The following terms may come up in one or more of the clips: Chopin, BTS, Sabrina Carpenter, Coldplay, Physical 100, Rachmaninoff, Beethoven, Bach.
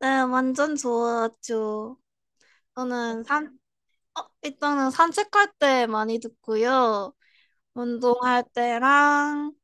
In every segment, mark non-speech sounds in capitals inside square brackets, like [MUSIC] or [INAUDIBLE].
네, 완전 좋았죠. 저는 산, 일단은 산책할 때 많이 듣고요. 운동할 때랑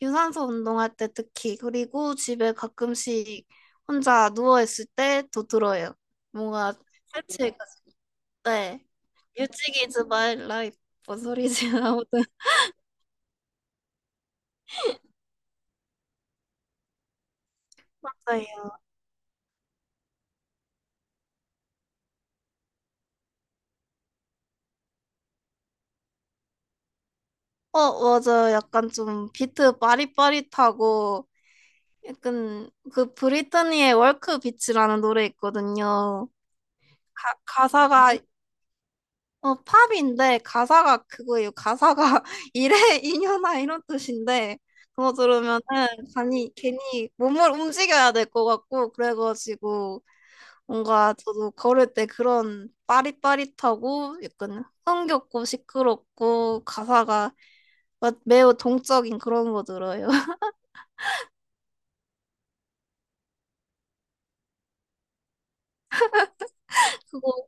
유산소 운동할 때 특히. 그리고 집에 가끔씩 혼자 누워있을 때도 들어요. 뭔가 산책, 네. 유치기 즈 마이 라이프. 뭔 소리지? [LAUGHS] 아무튼. 맞아요. 맞아요. 약간 좀 비트 빠릿빠릿하고 약간 그 브리트니의 월크 비치라는 노래 있거든요. 가사가 팝인데 가사가 그거예요. 가사가 [LAUGHS] 이래 이년아 이런 뜻인데 그거 들으면은 괜히 몸을 움직여야 될 것 같고 그래가지고 뭔가 저도 걸을 때 그런 빠릿빠릿하고 약간 흥겹고 시끄럽고 가사가 막 매우 동적인 그런 거 들어요. [LAUGHS] 그거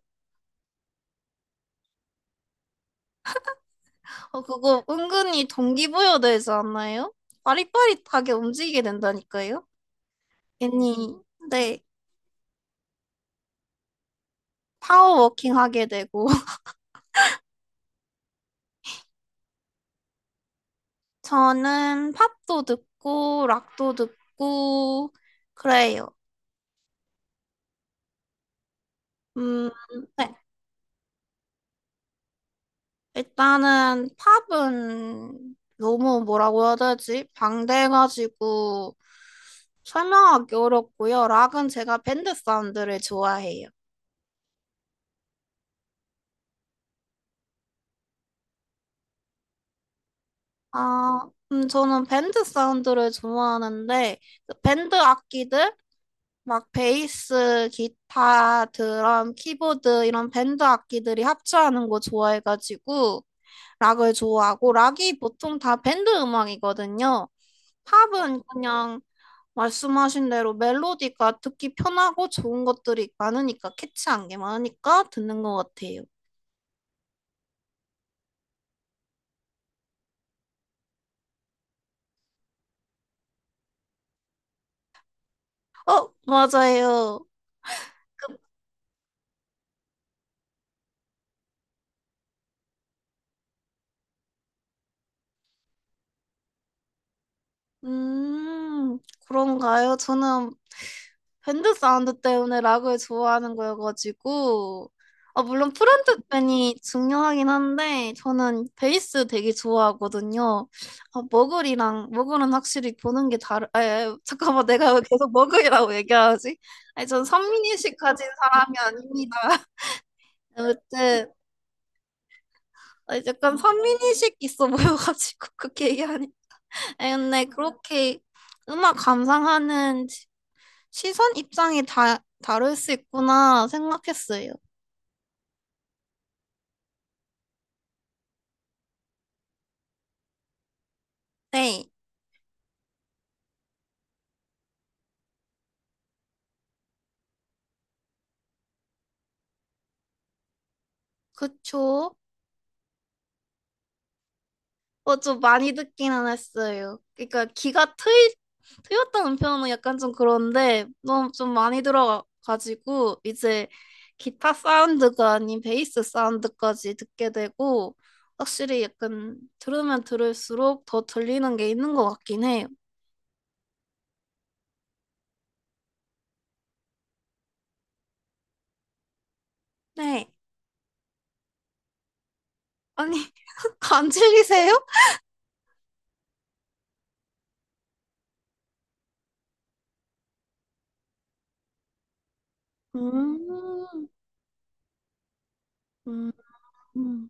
그거 은근히 동기부여 되지 않나요? 빠릿빠릿하게 움직이게 된다니까요. 괜히 네. 파워워킹 하게 되고 [LAUGHS] 저는 팝도 듣고 락도 듣고 그래요. 음, 네. 일단은 팝은 너무 뭐라고 해야 되지? 방대해가지고 설명하기 어렵고요. 락은 제가 밴드 사운드를 좋아해요. 아, 저는 밴드 사운드를 좋아하는데 그 밴드 악기들 막 베이스, 기타, 드럼, 키보드 이런 밴드 악기들이 합주하는 거 좋아해가지고 락을 좋아하고 락이 보통 다 밴드 음악이거든요. 팝은 그냥 말씀하신 대로 멜로디가 듣기 편하고 좋은 것들이 많으니까 캐치한 게 많으니까 듣는 것 같아요. 맞아요. 음, 그런가요? 저는 밴드 사운드 때문에 락을 좋아하는 거여가지고 아, 물론 프론트맨이 중요하긴 한데 저는 베이스 되게 좋아하거든요. 아, 머글이랑 머글은 확실히 보는 게 다르. 잠깐만 내가 왜 계속 머글이라고 얘기하지? 아니, 전 선민의식 가진 사람이 아닙니다. [LAUGHS] 아무튼 약간 선민의식 있어 보여가지고 [LAUGHS] 그렇게 얘기하니. 아니, 근데 그렇게 음악 감상하는 시선 입장이 다를 수 있구나 생각했어요. 네, 그쵸. 좀 많이 듣기는 했어요. 그러니까 트였다는 표현은 약간 좀 그런데 너무 좀 많이 들어가지고 이제 기타 사운드가 아닌 베이스 사운드까지 듣게 되고 확실히 약간 들으면 들을수록 더 들리는 게 있는 것 같긴 해요. 네. 아니, [LAUGHS] 안 질리세요? 음, 음. 음.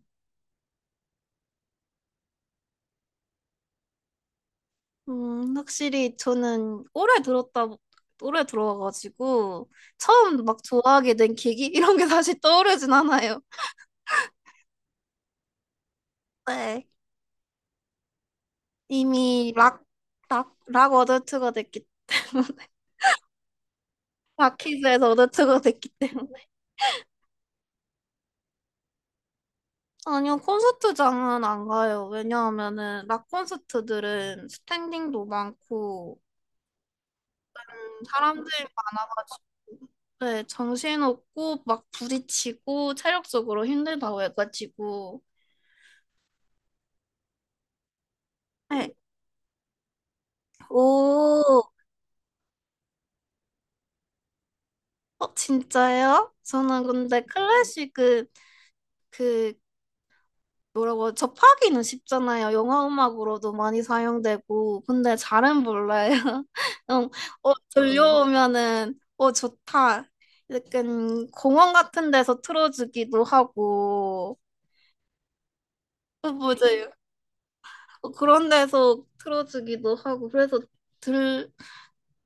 확실히 저는 오래 들어와가지고, 처음 막 좋아하게 된 계기? [LAUGHS] 이런 게 다시 떠오르진 않아요. 네. 이미 락, 어덜트가 됐기 때문에 [LAUGHS] 락키즈에서 어덜트가 됐기 때문에. 아니요, 콘서트장은 안 가요. 왜냐하면은, 락 콘서트들은 스탠딩도 많고, 사람들이 많아가지고, 네, 정신없고, 막 부딪히고, 체력적으로 힘들다고 해가지고, 네, 오, 진짜요? 저는 근데 클래식은 그 뭐라고 하죠? 접하기는 쉽잖아요. 영화 음악으로도 많이 사용되고 근데 잘은 몰라요. [LAUGHS] 음, 들려오면은 어 좋다. 약간 공원 같은 데서 틀어주기도 하고 맞아요. 그런 데서 틀어주기도 하고 그래서 들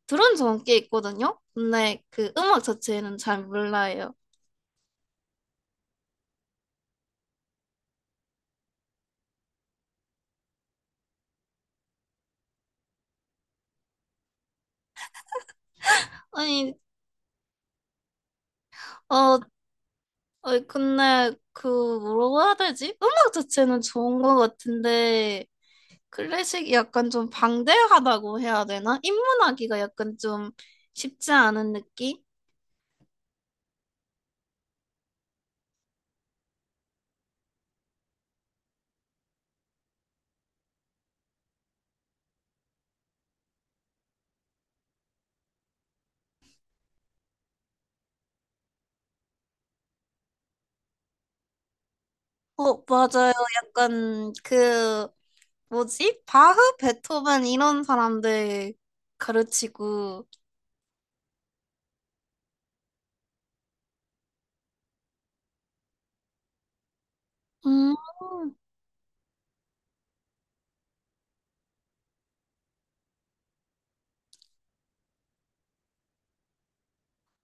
들은 적은 꽤 있거든요. 근데 그 음악 자체는 잘 몰라요. 아니 어 아니, 근데, 그, 뭐라고 해야 되지? 음악 자체는 좋은 것 같은데, 클래식이 약간 좀 방대하다고 해야 되나? 입문하기가 약간 좀 쉽지 않은 느낌? 맞아요. 약간, 그, 뭐지? 바흐, 베토벤 이런 사람들 가르치고, 음,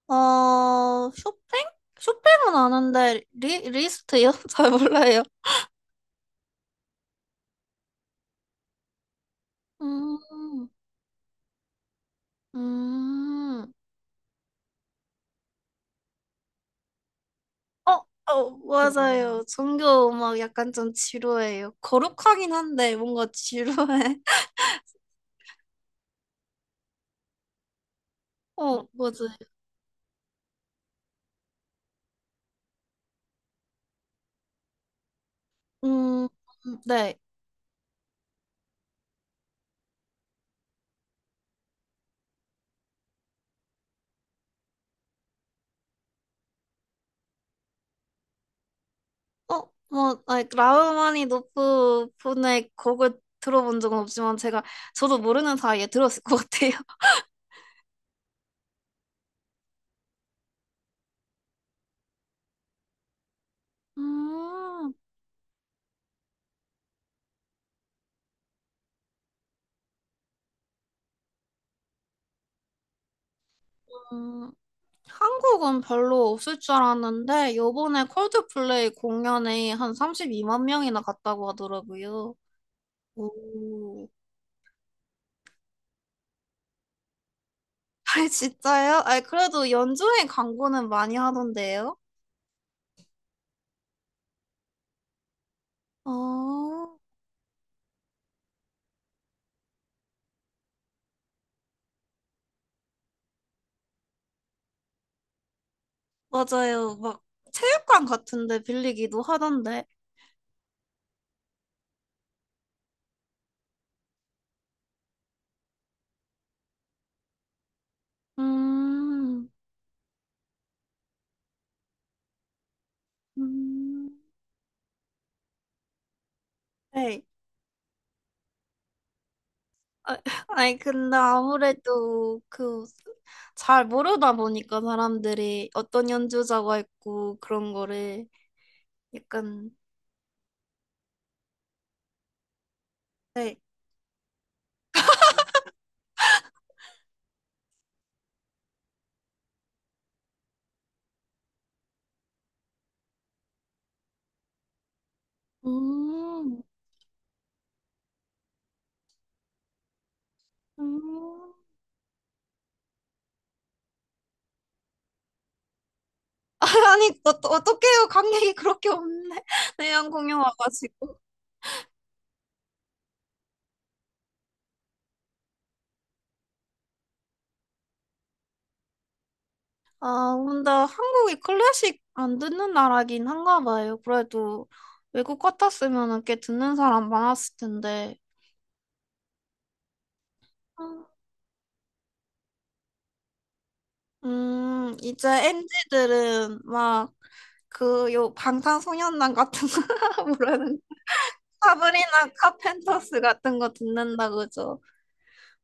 쇼팽? 쇼팽은 아는데, 리스트요? [LAUGHS] 잘 몰라요. 음, 음. 어, 맞아요. 종교 음악 약간 좀 지루해요. 거룩하긴 한데 뭔가 지루해. [LAUGHS] 맞아요. 음, 네. 뭐, 아니, 라흐마니노프 분의 곡을 들어본 적은 없지만 제가 저도 모르는 사이에 들었을 것 같아요. [LAUGHS] 음, 음, 한국은 별로 없을 줄 알았는데 요번에 콜드플레이 공연에 한 32만 명이나 갔다고 하더라고요. 오. [LAUGHS] 아, 진짜요? 아, 그래도 연주회 광고는 많이 하던데요? 어, 맞아요. 막 체육관 같은데 빌리기도 하던데. 음, 음, 네. 아, [LAUGHS] 아니, 근데 아무래도 그 잘 모르다 보니까 사람들이 어떤 연주자가 있고 그런 거를 약간, 네. 음, 음. [LAUGHS] 아니, 어떡해요. 관객이 그렇게 없네. [LAUGHS] 내년 공연 와가지고. 아, 근데 한국이 클래식 안 듣는 나라긴 한가 봐요. 그래도 외국 같았으면 꽤 듣는 사람 많았을 텐데. 이제 엔지들은 막 그 요 방탄소년단 같은 거 [LAUGHS] 뭐라는 사브리나 카펜터스 같은 거 듣는다 그죠?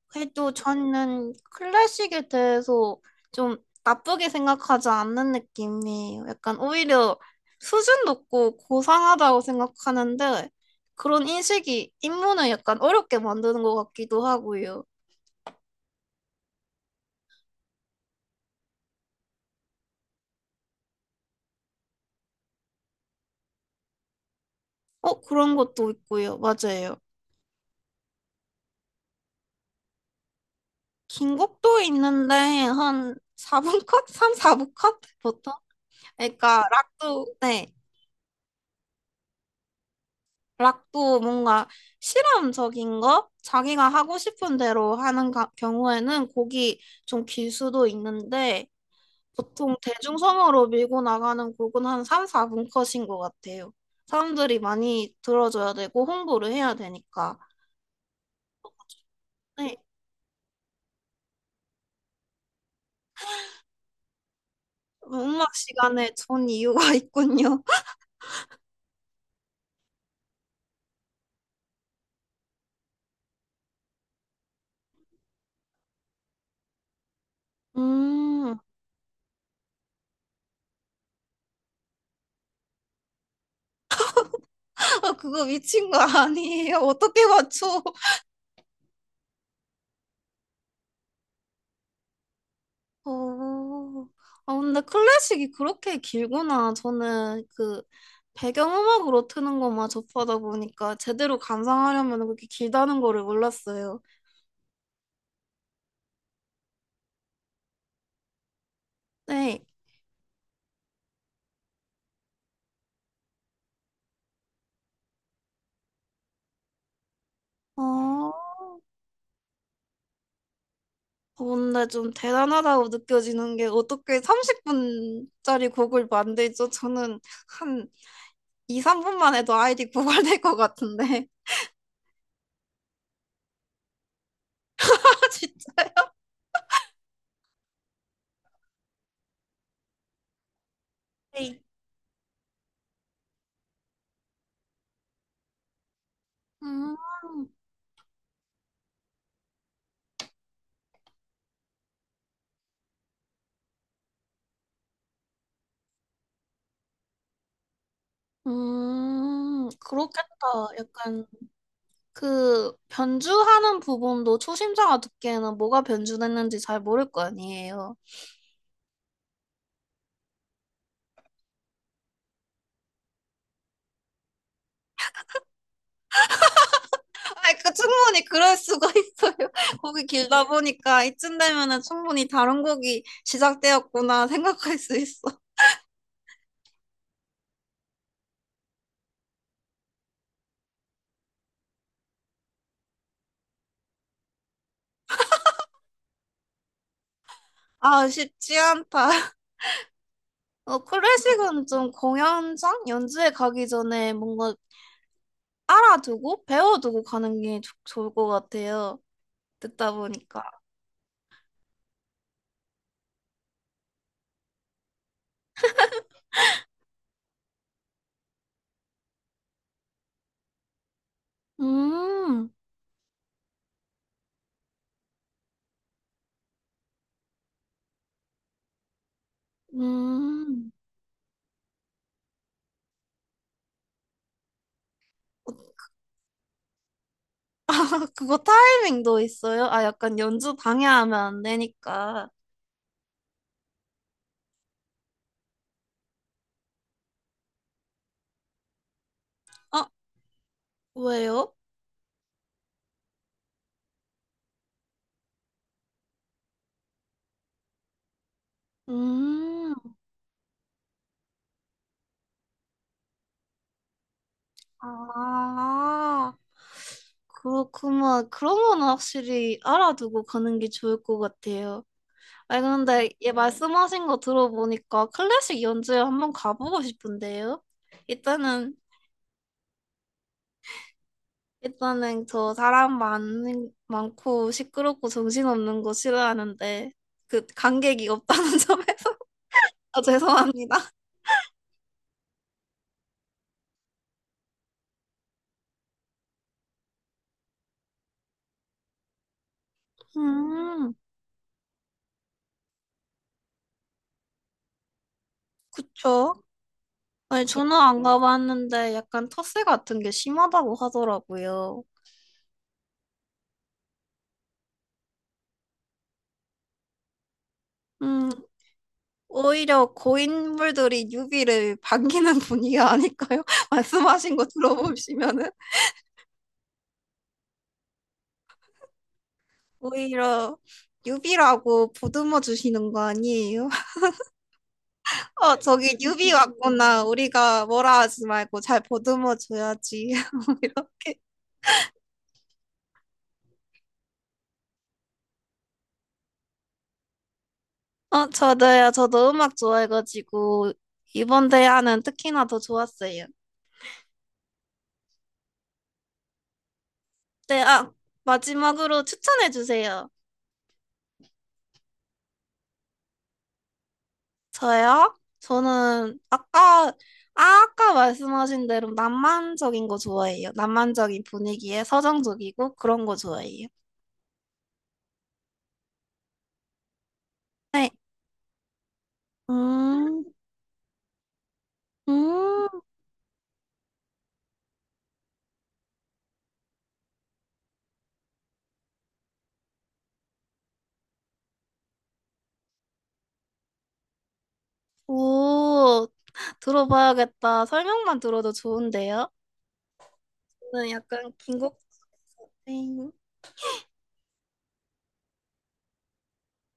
그래도 저는 클래식에 대해서 좀 나쁘게 생각하지 않는 느낌이에요. 약간 오히려 수준 높고 고상하다고 생각하는데 그런 인식이 입문을 약간 어렵게 만드는 것 같기도 하고요. 그런 것도 있고요. 맞아요. 긴 곡도 있는데 한 4분 컷? 3, 4분 컷? 보통? 그러니까 락도 네. 락도 뭔가 실험적인 거? 자기가 하고 싶은 대로 하는 경우에는 곡이 좀 길 수도 있는데 보통 대중성으로 밀고 나가는 곡은 한 3, 4분 컷인 것 같아요. 사람들이 많이 들어줘야 되고 홍보를 해야 되니까. 네. 음악 시간에 좋은 이유가 [LAUGHS] 있군요. 음, [LAUGHS] 그거 미친 거 아니에요? 어떻게 맞춰? 어, 근데 클래식이 그렇게 길구나. 저는 그 배경음악으로 트는 것만 접하다 보니까 제대로 감상하려면 그렇게 길다는 거를 몰랐어요. 네. 어, 어, 근데 좀 대단하다고 느껴지는 게 어떻게 30분짜리 곡을 만들죠? 저는 한 2, 3분만 해도 아이디 고갈될 것 같은데. [LAUGHS] 아, 진짜. 네. 음, 그렇겠다. 약간 그 변주하는 부분도 초심자가 듣기에는 뭐가 변주됐는지 잘 모를 거 아니에요. 아니, 그 충분히 그럴 수가 있어요. [LAUGHS] 곡이 길다 보니까 이쯤 되면은 충분히 다른 곡이 시작되었구나 생각할 수 있어. 아, 쉽지 않다. 클래식은 좀 공연장 연주회 가기 전에 뭔가 알아두고 배워두고 가는 게 좋을 것 같아요. 듣다 보니까. 음, 음. 아, [LAUGHS] 그거 타이밍도 있어요? 아, 약간 연주 방해하면 안 되니까. 아, 왜요? 음, 아, 그렇구만 그런 건 확실히 알아두고 가는 게 좋을 것 같아요. 아니, 근데 얘 말씀하신 거 들어보니까 클래식 연주회 한번 가보고 싶은데요? 일단은, 일단은 저 사람 많고 시끄럽고 정신없는 거 싫어하는데, 그, 관객이 없다는 [LAUGHS] 점에서 아, 죄송합니다. 음, 그쵸. 아니, 저는 안 가봤는데 약간 텃세 같은 게 심하다고 하더라고요. 음, 오히려 고인물들이 유비를 반기는 분위기가 아닐까요? [LAUGHS] 말씀하신 거 들어보시면은. 오히려 유비라고 보듬어 주시는 거 아니에요? [LAUGHS] 저기 유비 왔구나. 우리가 뭐라 하지 말고 잘 보듬어 줘야지. [LAUGHS] 오히려. 저도요. 저도 음악 좋아해가지고 이번 대화는 특히나 더 좋았어요. 네, 마지막으로 추천해 주세요. 저요? 저는 아까 말씀하신 대로 낭만적인 거 좋아해요. 낭만적인 분위기에 서정적이고 그런 거 좋아해요. 네. 음, 음, 오, 들어봐야겠다. 설명만 들어도 좋은데요? 저는 약간 김 곡. 네.